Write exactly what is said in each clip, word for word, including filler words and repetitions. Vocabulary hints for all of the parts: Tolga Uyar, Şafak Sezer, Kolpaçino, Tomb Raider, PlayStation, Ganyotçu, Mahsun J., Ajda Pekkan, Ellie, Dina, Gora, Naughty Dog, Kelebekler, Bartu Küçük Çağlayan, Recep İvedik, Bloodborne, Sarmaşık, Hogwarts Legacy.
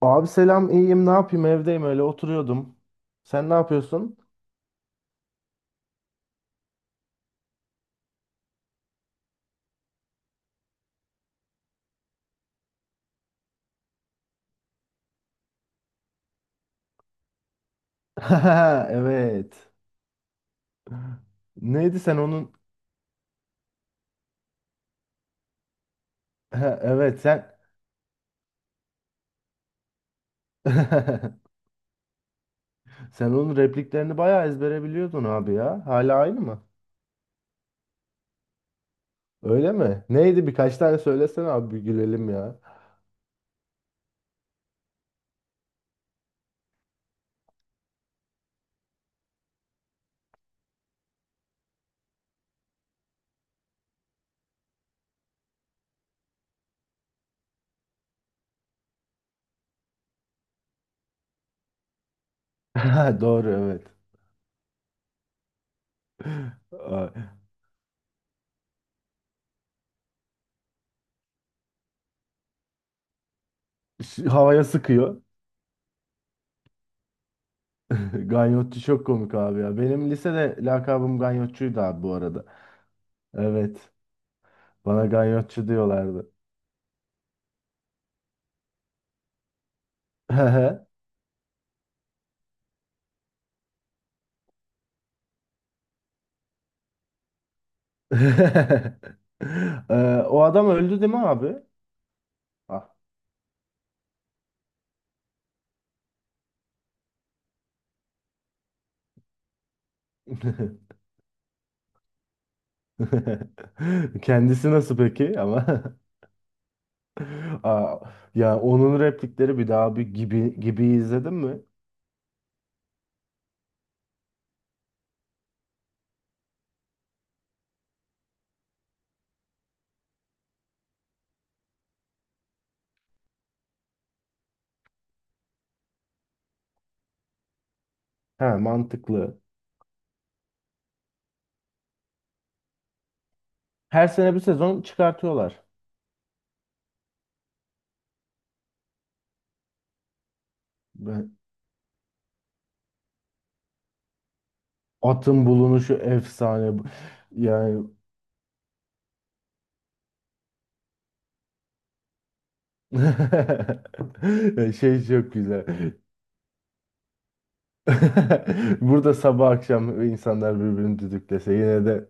Abi selam iyiyim ne yapayım evdeyim öyle oturuyordum. Sen ne yapıyorsun? Evet. Neydi sen onun evet sen sen onun repliklerini bayağı ezbere biliyordun abi ya. Hala aynı mı? Öyle mi? Neydi birkaç tane söylesene abi bir gülelim ya. Doğru evet. Ay, şu havaya sıkıyor. Ganyotçu çok komik abi ya. Benim lisede lakabım Ganyotçuydu abi bu arada. Evet. Bana Ganyotçu diyorlardı. Ee, o adam öldü değil mi abi? Ah. Kendisi nasıl peki ama? Aa, ya onun replikleri bir daha bir gibi gibi izledin mi? He mantıklı. Her sene bir sezon çıkartıyorlar. Ben- Atın bulunuşu efsane. Bu- Yani şey çok güzel. Burada sabah akşam insanlar birbirini düdüklese yine de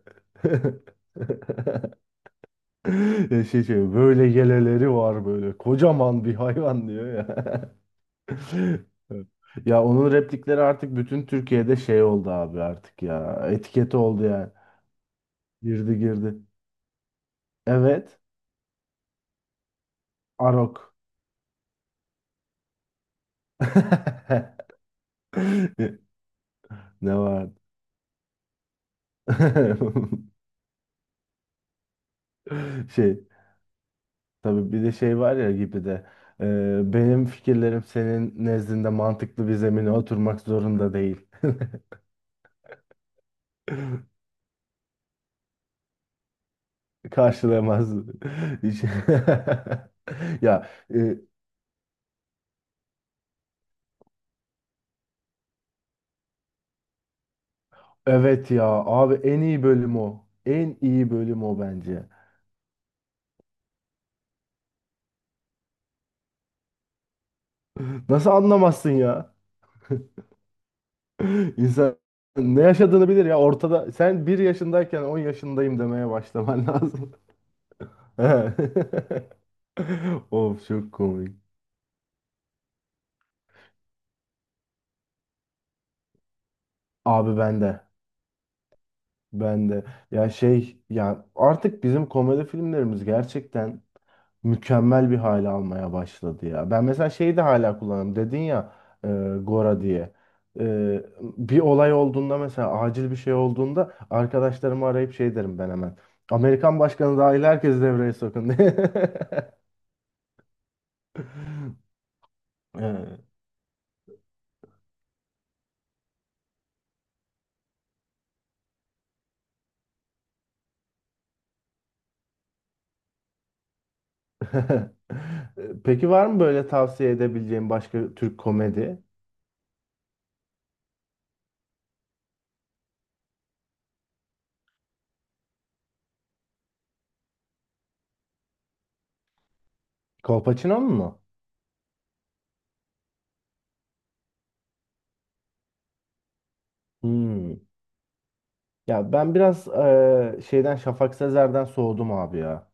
Ya şey şey böyle yeleleri var böyle kocaman bir hayvan diyor ya. Ya onun replikleri artık bütün Türkiye'de şey oldu abi artık ya. Etiketi oldu yani. Girdi girdi. Evet. Arok. Ne var? Şey tabii bir de şey var ya gibi de e, benim fikirlerim senin nezdinde mantıklı bir zemine oturmak zorunda değil. Karşılayamaz. Hiç- Ya e, evet ya abi en iyi bölüm o. En iyi bölüm o bence. Nasıl anlamazsın ya? İnsan ne yaşadığını bilir ya ortada. Sen bir yaşındayken on yaşındayım demeye başlaman lazım. Of çok komik. Abi ben de. Ben de. Ya şey ya artık bizim komedi filmlerimiz gerçekten mükemmel bir hale almaya başladı ya. Ben mesela şeyi de hala kullanıyorum. Dedin ya e, Gora diye. E, bir olay olduğunda mesela acil bir şey olduğunda arkadaşlarımı arayıp şey derim ben hemen. Amerikan başkanı dahil herkes devreye sokun diye. E, Peki var mı böyle tavsiye edebileceğim başka Türk komedi? Kolpaçino'nun mu? Hmm. Ya ben biraz e, şeyden Şafak Sezer'den soğudum abi ya.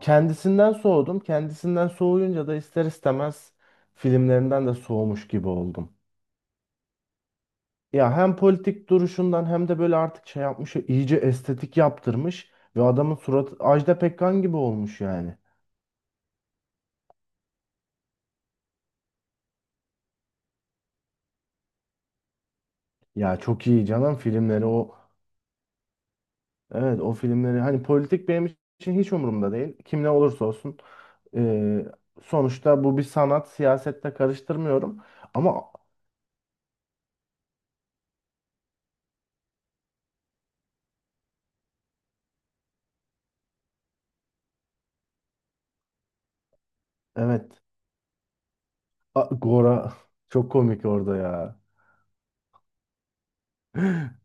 Kendisinden soğudum. Kendisinden soğuyunca da ister istemez filmlerinden de soğumuş gibi oldum. Ya hem politik duruşundan hem de böyle artık şey yapmış, iyice estetik yaptırmış ve adamın suratı Ajda Pekkan gibi olmuş yani. Ya çok iyi canım filmleri o. Evet o filmleri hani politik benim için hiç umurumda değil. Kim ne olursa olsun. Ee, sonuçta bu bir sanat, siyasette karıştırmıyorum. Ama evet A- Gora çok komik orada ya.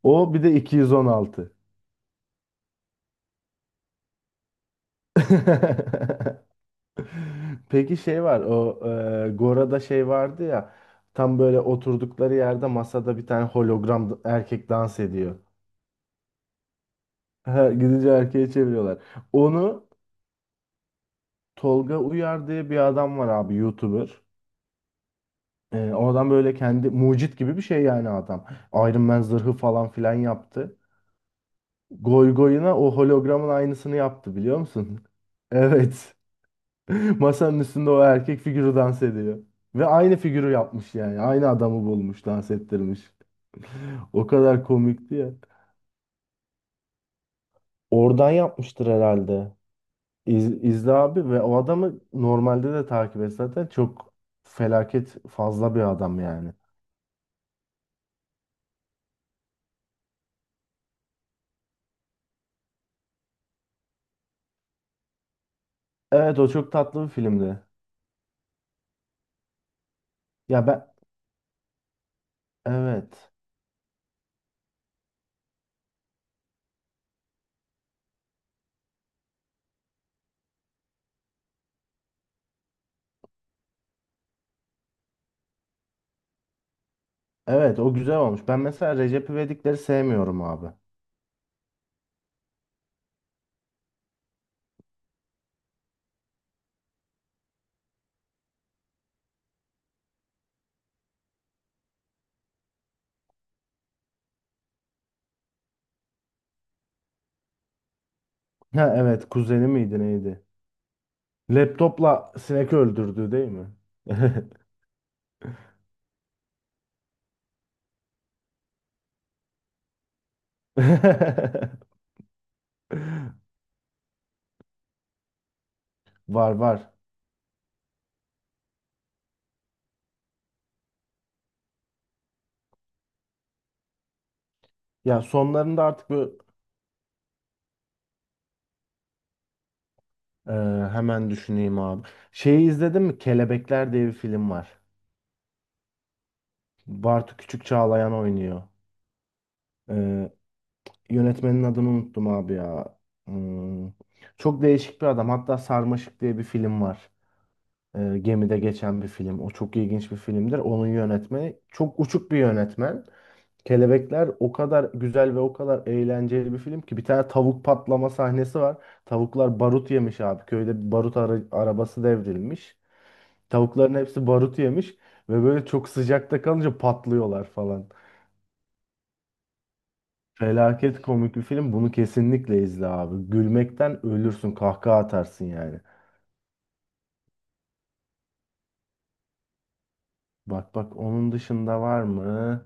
O bir de iki yüz on altı. Peki şey var o e, Gora'da şey vardı ya tam böyle oturdukları yerde masada bir tane hologram da- erkek dans ediyor. Ha, gidince erkeğe çeviriyorlar. Onu Tolga Uyar diye bir adam var abi YouTuber. E, o adam böyle kendi mucit gibi bir şey yani adam. Iron Man zırhı falan filan yaptı. Goy goyuna o hologramın aynısını yaptı biliyor musun? Evet. Masanın üstünde o erkek figürü dans ediyor. Ve aynı figürü yapmış yani. Aynı adamı bulmuş, dans ettirmiş. O kadar komikti ya. Oradan yapmıştır herhalde. İz, İzle abi ve o adamı normalde de takip et zaten. Çok felaket fazla bir adam yani. Evet o çok tatlı bir filmdi. Ya ben evet. Evet o güzel olmuş. Ben mesela Recep İvedik'leri sevmiyorum abi. Ha evet kuzeni miydi neydi? Laptopla sinek öldürdü değil mi? Var var. Ya sonlarında artık böyle e, hemen düşüneyim abi. Şeyi izledin mi? Kelebekler diye bir film var. Bartu Küçük Çağlayan oynuyor. E, yönetmenin adını unuttum abi ya. Hmm. Çok değişik bir adam. Hatta Sarmaşık diye bir film var. E, gemide geçen bir film. O çok ilginç bir filmdir. Onun yönetmeni çok uçuk bir yönetmen. Kelebekler o kadar güzel ve o kadar eğlenceli bir film ki bir tane tavuk patlama sahnesi var. Tavuklar barut yemiş abi. Köyde bir barut ara- arabası devrilmiş. Tavukların hepsi barut yemiş ve böyle çok sıcakta kalınca patlıyorlar falan. Felaket komik bir film. Bunu kesinlikle izle abi. Gülmekten ölürsün, kahkaha atarsın yani. Bak bak onun dışında var mı?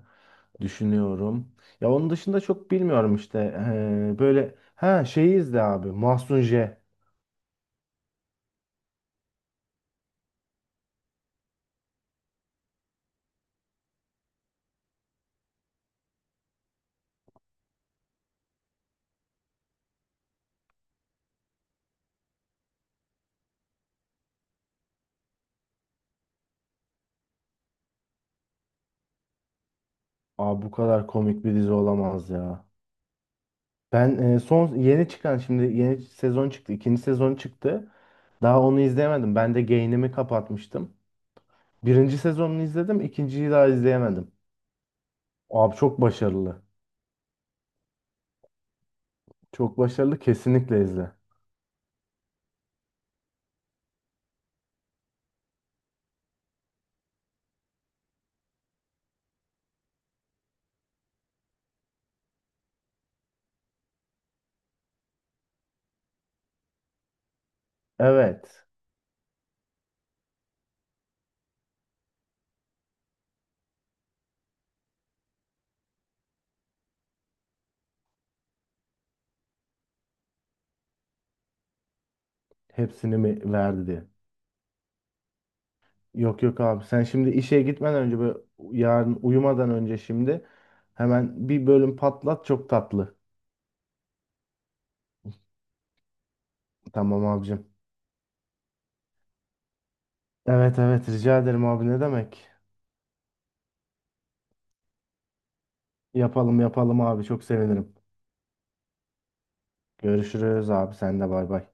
Düşünüyorum. Ya onun dışında çok bilmiyorum işte. Ee, böyle ha şeyi izle abi. Mahsun J. Aa, bu kadar komik bir dizi olamaz ya. Ben e, son yeni çıkan şimdi yeni sezon çıktı. İkinci sezon çıktı. Daha onu izleyemedim. Ben de gain'imi kapatmıştım. Birinci sezonunu izledim. İkinciyi daha izleyemedim. Abi çok başarılı. Çok başarılı. Kesinlikle izle. Evet. Hepsini mi verdi diye. Yok yok abi sen şimdi işe gitmeden önce böyle yarın uyumadan önce şimdi hemen bir bölüm patlat çok tatlı. Tamam abicim. Evet evet rica ederim abi ne demek. Yapalım yapalım abi çok sevinirim. Görüşürüz abi sen de bay bay.